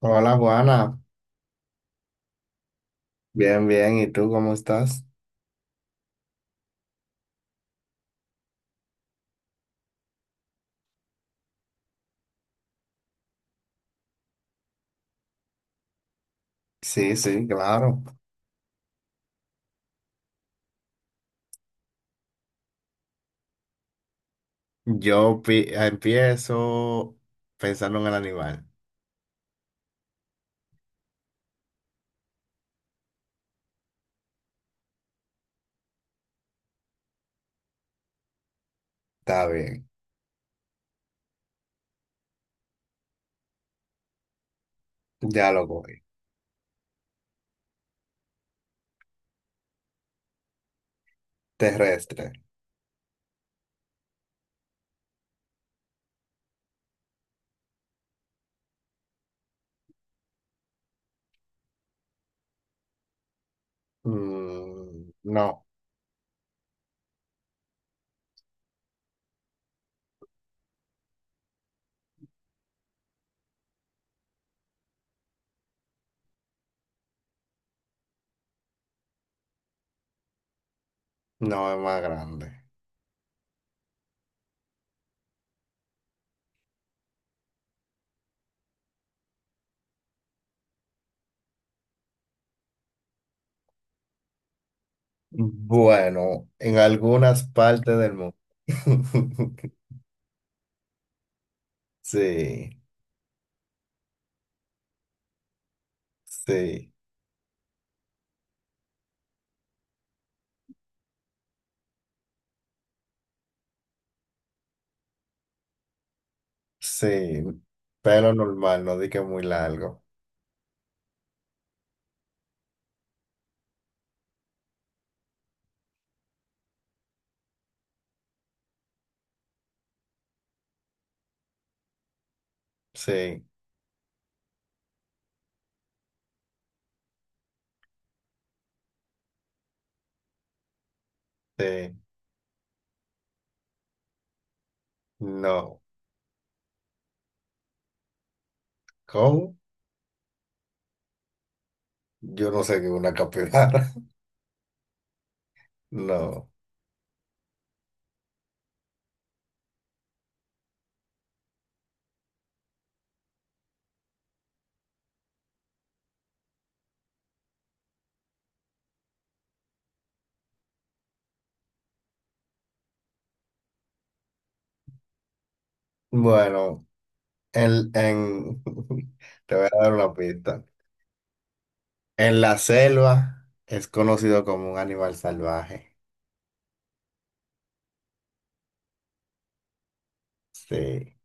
Hola Juana, bien, bien, ¿y tú cómo estás? Sí, sí, claro. Empiezo pensando en el animal. Está bien, ya lo voy. Terrestre. Mm, no, no es más grande. Bueno, en algunas partes del mundo. Sí, sí, sí, pero normal, no di que muy largo. Sí, sí, no. ¿Cómo? Yo no sé qué es una capibara. No. Bueno, en... te voy a dar una pista. En la selva es conocido como un animal salvaje. Sí.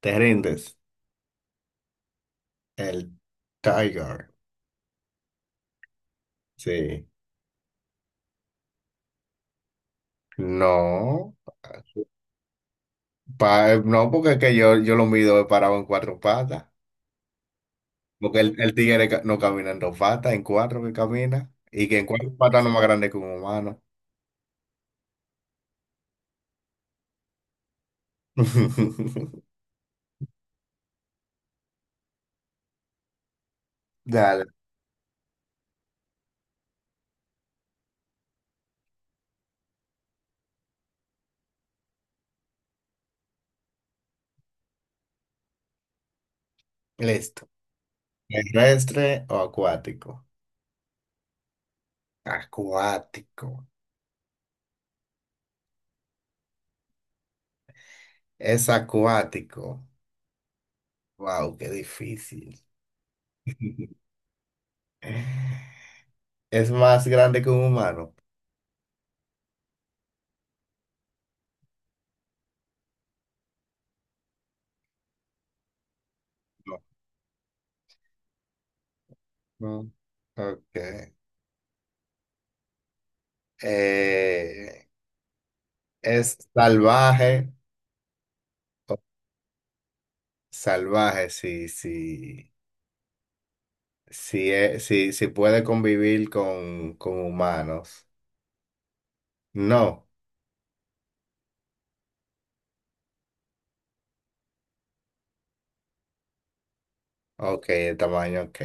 ¿Te rindes? El tiger. Sí. No. No, porque es que yo lo mido parado en 4 patas. Porque el tigre no camina en 2 patas, en 4 que camina. Y que en 4 patas no es más grande que un humano. Dale. Listo. ¿Terrestre o acuático? Acuático. Es acuático. Wow, qué difícil. ¿Es más grande que un humano? No. No. Ok. Eh, ¿Es salvaje? O- Salvaje, sí, sí. Sí, sí, sí puede convivir con humanos. No. Ok, el tamaño, ok.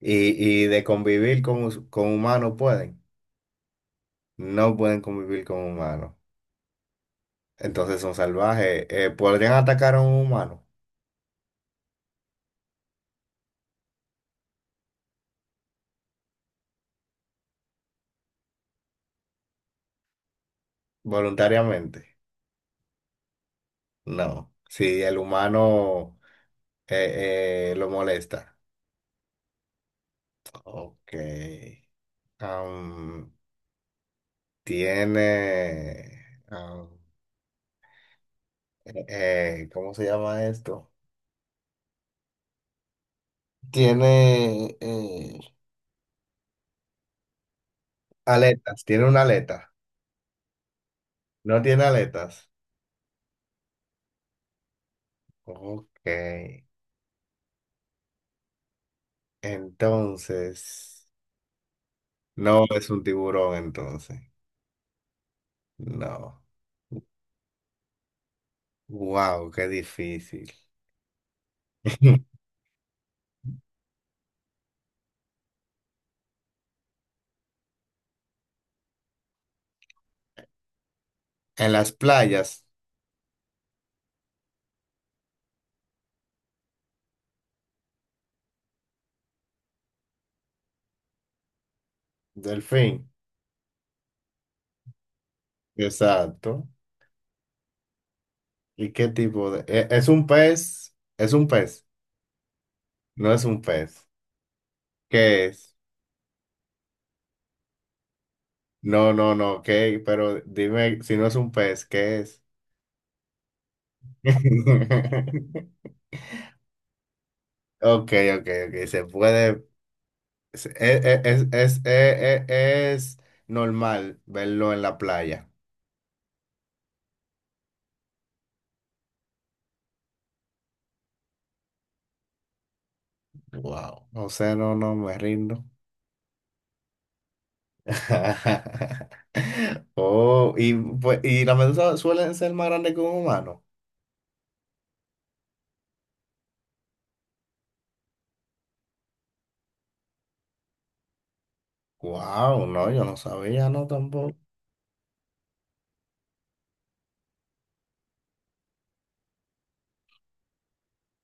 ¿Y de convivir con, con humanos pueden? No pueden convivir con humanos. Entonces son salvajes. ¿Podrían atacar a un humano voluntariamente? No. Si el humano lo molesta. Ok. Am, Tiene... ¿cómo se llama esto? Tiene aletas. Tiene una aleta. No tiene aletas. Ok. Entonces... no es un tiburón entonces. No. Wow, qué difícil. En las playas, delfín, exacto. ¿Y qué tipo de...? ¿Es un pez? ¿Es un pez? No es un pez. ¿Qué es? No, no, no, ¿qué? Pero dime, si no es un pez, ¿qué es? Ok, ok, ok, se puede... es, es normal verlo en la playa. Wow. O sea, no, no, me rindo. Oh, y, pues, y las medusas suelen ser más grandes que un humano. Wow, no, yo no sabía, no tampoco.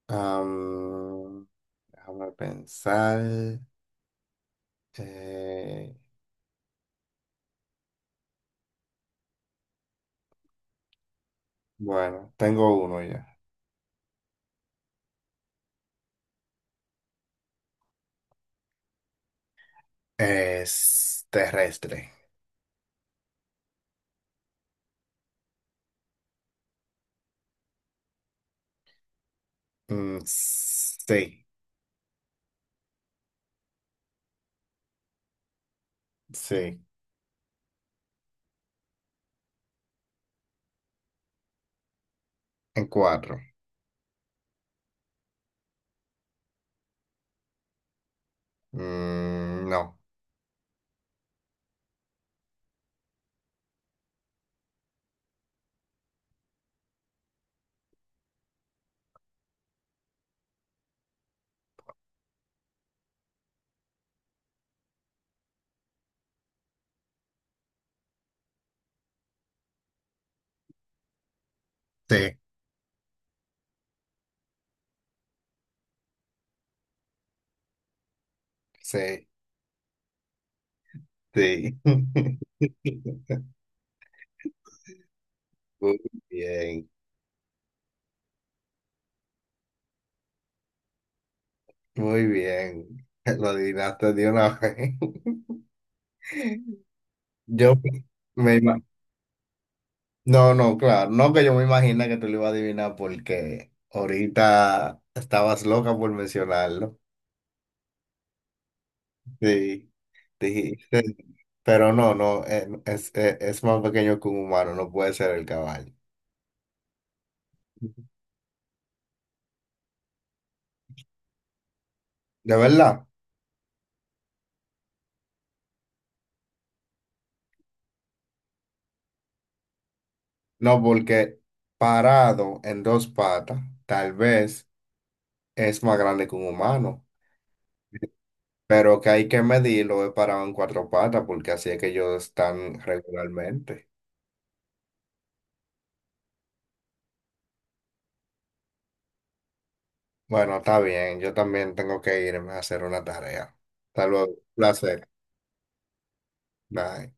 Am, Déjame pensar. Eh, bueno, tengo uno ya. Es terrestre. Mm, sí, sí. En cuatro. Mm, no. Sí, sí, sí. Muy bien. Muy bien, lo adivinaste de una vez. Yo me ima- No, no, claro, no que yo me imagina que tú lo ibas a adivinar porque ahorita estabas loca por mencionarlo. Sí, dijiste, pero no, no, es más pequeño que un humano, no puede ser el caballo. ¿De verdad? No, porque parado en 2 patas, tal vez es más grande que un humano. Pero que hay que medirlo, he parado en 4 patas porque así es que ellos están regularmente. Bueno, está bien, yo también tengo que irme a hacer una tarea. Hasta luego, placer. Bye.